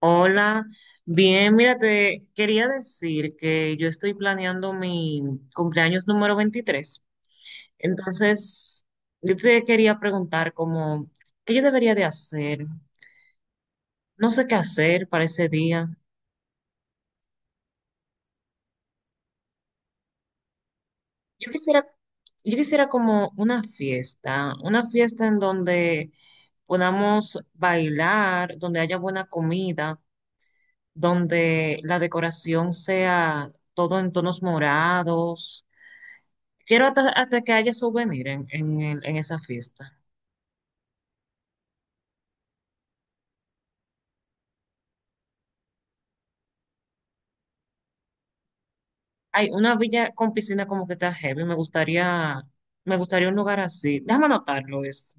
Hola, bien, mira, te quería decir que yo estoy planeando mi cumpleaños número 23. Entonces, yo te quería preguntar ¿qué yo debería de hacer? No sé qué hacer para ese día. Yo quisiera, yo quisiera como una fiesta en donde podamos bailar, donde haya buena comida, donde la decoración sea todo en tonos morados. Quiero hasta que haya souvenir en esa fiesta. Hay una villa con piscina como que está heavy. Me gustaría un lugar así. Déjame anotarlo eso.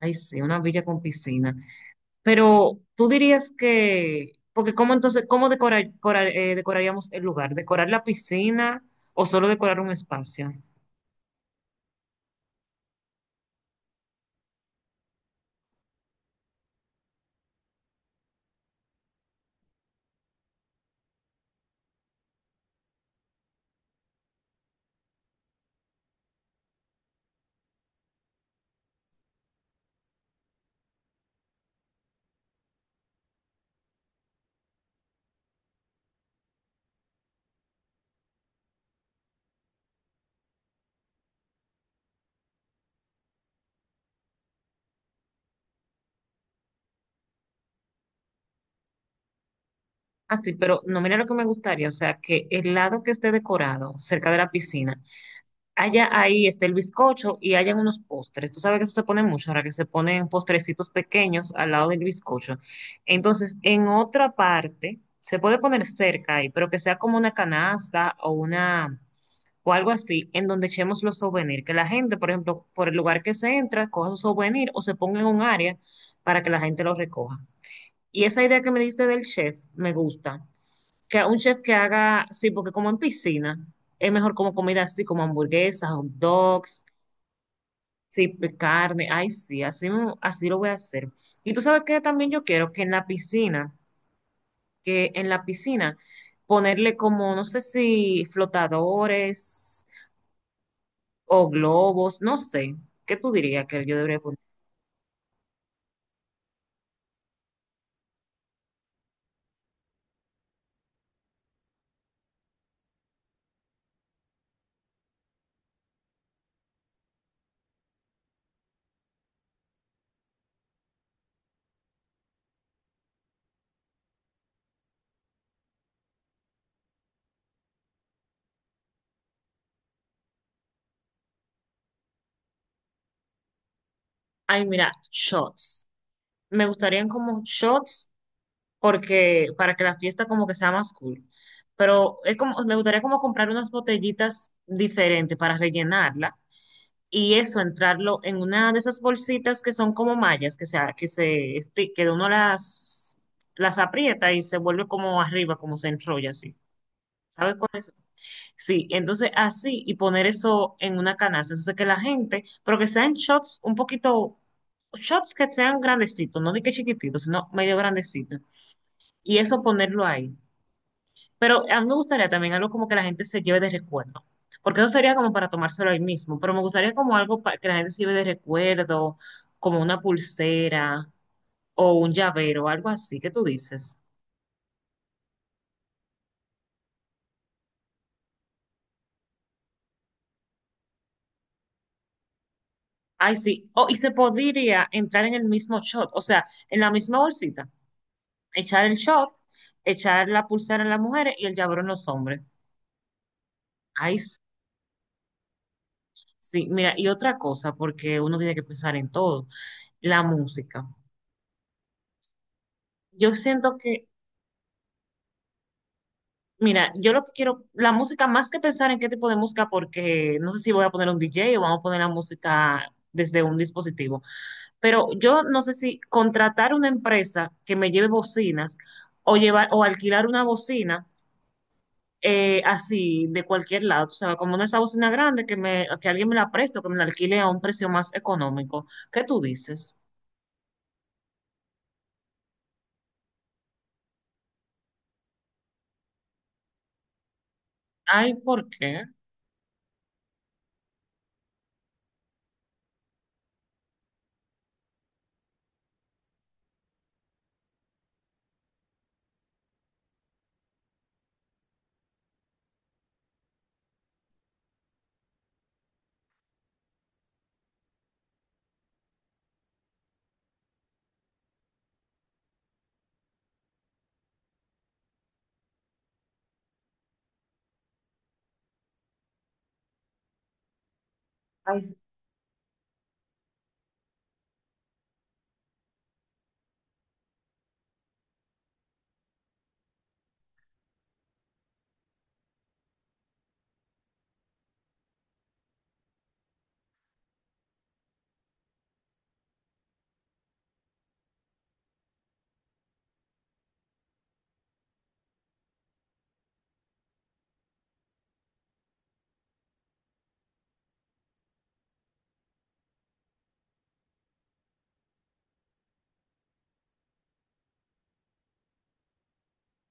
Ay, sí, una villa con piscina. Pero tú dirías que, porque cómo entonces, ¿cómo decoraríamos el lugar? ¿Decorar la piscina o solo decorar un espacio? Así, pero no, mira lo que me gustaría, o sea, que el lado que esté decorado cerca de la piscina, allá ahí está el bizcocho y hayan unos postres. Tú sabes que eso se pone mucho, ahora que se ponen postrecitos pequeños al lado del bizcocho. Entonces, en otra parte, se puede poner cerca ahí, pero que sea como una canasta o una o algo así, en donde echemos los souvenirs. Que la gente, por ejemplo, por el lugar que se entra, coja su souvenir o se ponga en un área para que la gente lo recoja. Y esa idea que me diste del chef me gusta, que un chef que haga, sí, porque como en piscina, es mejor como comida así, como hamburguesas, hot dogs, sí, carne, ay, sí, así, así lo voy a hacer. Y tú sabes que también yo quiero que en la piscina, que en la piscina, ponerle como, no sé si flotadores o globos, no sé, ¿qué tú dirías que yo debería poner? Ay, mira, shots. Me gustarían como shots porque para que la fiesta como que sea más cool. Pero es como, me gustaría como comprar unas botellitas diferentes para rellenarla y eso entrarlo en una de esas bolsitas que son como mallas, que sea, que uno las aprieta y se vuelve como arriba, como se enrolla así. ¿Sabes cuál es? Sí, entonces así y poner eso en una canasta. Entonces que la gente, pero que sean shots un poquito, shots que sean grandecitos, no de que chiquititos, sino medio grandecitos. Y eso ponerlo ahí. Pero a mí me gustaría también algo como que la gente se lleve de recuerdo, porque eso sería como para tomárselo ahí mismo, pero me gustaría como algo para que la gente se lleve de recuerdo, como una pulsera o un llavero, algo así, ¿qué tú dices? Ay, sí, oh, y se podría entrar en el mismo shot, o sea, en la misma bolsita, echar el shot, echar la pulsera en las mujeres y el llavero en los hombres. Ay, sí, sí, mira, y otra cosa, porque uno tiene que pensar en todo, la música. Yo siento que mira, yo lo que quiero, la música, más que pensar en qué tipo de música, porque no sé si voy a poner un DJ o vamos a poner la música desde un dispositivo, pero yo no sé si contratar una empresa que me lleve bocinas o llevar o alquilar una bocina, así de cualquier lado, o sea, como una esa bocina grande que me, que alguien me la preste o que me la alquile a un precio más económico. ¿Qué tú dices? Ay, ¿por qué?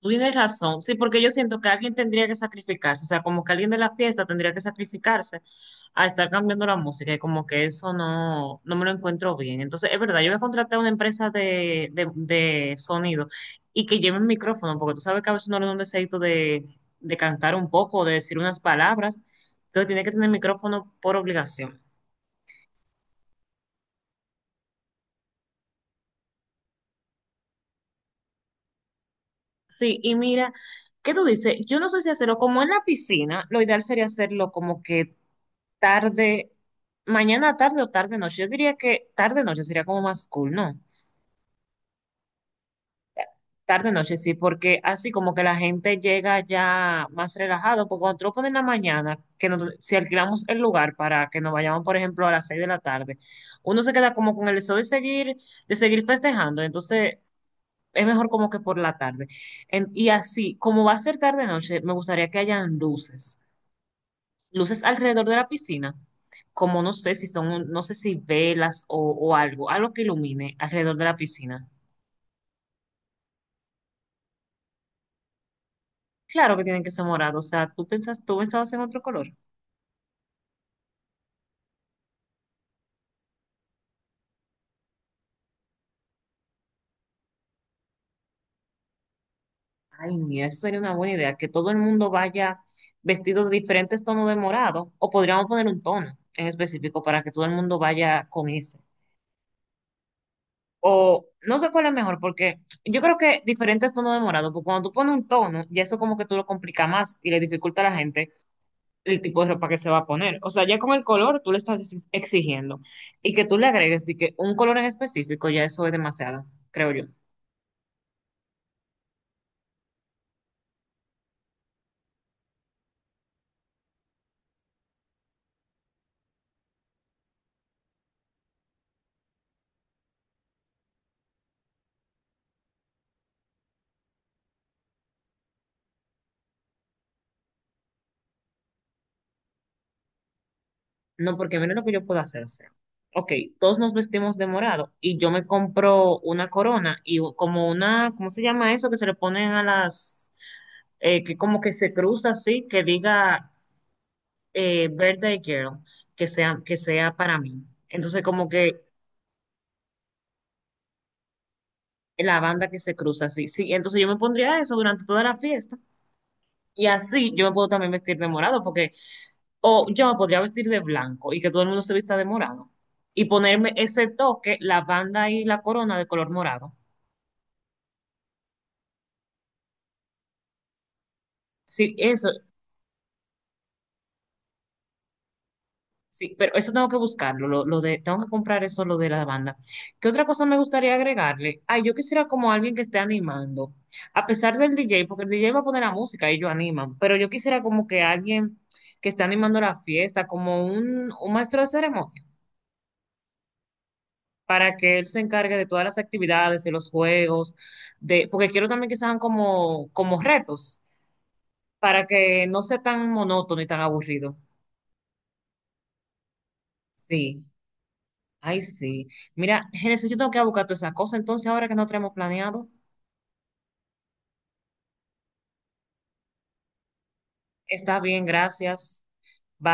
Tú tienes razón, sí, porque yo siento que alguien tendría que sacrificarse, o sea, como que alguien de la fiesta tendría que sacrificarse a estar cambiando la música y como que eso no, no me lo encuentro bien. Entonces, es verdad, yo voy a contratar a una empresa de sonido y que lleve un micrófono, porque tú sabes que a veces no le da un deseito de cantar un poco, o de decir unas palabras, entonces tiene que tener micrófono por obligación. Sí, y mira, ¿qué tú dices? Yo no sé si hacerlo como en la piscina, lo ideal sería hacerlo como que tarde, mañana tarde o tarde noche. Yo diría que tarde noche sería como más cool, ¿no? Tarde noche sí, porque así como que la gente llega ya más relajado, porque cuando tú lo pones en la mañana, si alquilamos el lugar para que nos vayamos, por ejemplo, a las 6 de la tarde, uno se queda como con el deseo de seguir festejando, entonces es mejor como que por la tarde. Y así, como va a ser tarde noche, me gustaría que hayan luces, luces alrededor de la piscina, como no sé si son, no sé si velas o algo, algo que ilumine alrededor de la piscina. Claro que tienen que ser morado, o sea, tú pensas, tú pensabas en otro color. Ay, mira, eso sería una buena idea, que todo el mundo vaya vestido de diferentes tonos de morado, o podríamos poner un tono en específico para que todo el mundo vaya con ese. O no sé cuál es mejor, porque yo creo que diferentes tonos de morado, porque cuando tú pones un tono, ya eso como que tú lo complica más y le dificulta a la gente el tipo de ropa que se va a poner. O sea, ya con el color tú le estás exigiendo. Y que tú le agregues de que un color en específico, ya eso es demasiado, creo yo. No, porque mira lo que yo puedo hacer. O sea, ok, todos nos vestimos de morado y yo me compro una corona y como una, ¿cómo se llama eso? Que se le ponen a las, que como que se cruza así, que diga Birthday Girl, que sea para mí. Entonces, como que la banda que se cruza así. Sí, entonces yo me pondría eso durante toda la fiesta. Y así yo me puedo también vestir de morado, porque, o yo me podría vestir de blanco y que todo el mundo se vista de morado. Y ponerme ese toque, la banda y la corona de color morado. Sí, eso, sí, pero eso tengo que buscarlo, tengo que comprar eso, lo de la banda. ¿Qué otra cosa me gustaría agregarle? Ay, yo quisiera como alguien que esté animando, a pesar del DJ, porque el DJ va a poner la música y ellos animan, pero yo quisiera como que alguien que esté animando la fiesta, como un maestro de ceremonia, para que él se encargue de todas las actividades, de los juegos, de, porque quiero también que sean como retos, para que no sea tan monótono y tan aburrido. Sí, ay, sí. Mira, Génesis, yo tengo que ir a buscar toda esa cosa, entonces ahora que no tenemos planeado, está bien, gracias. Bye.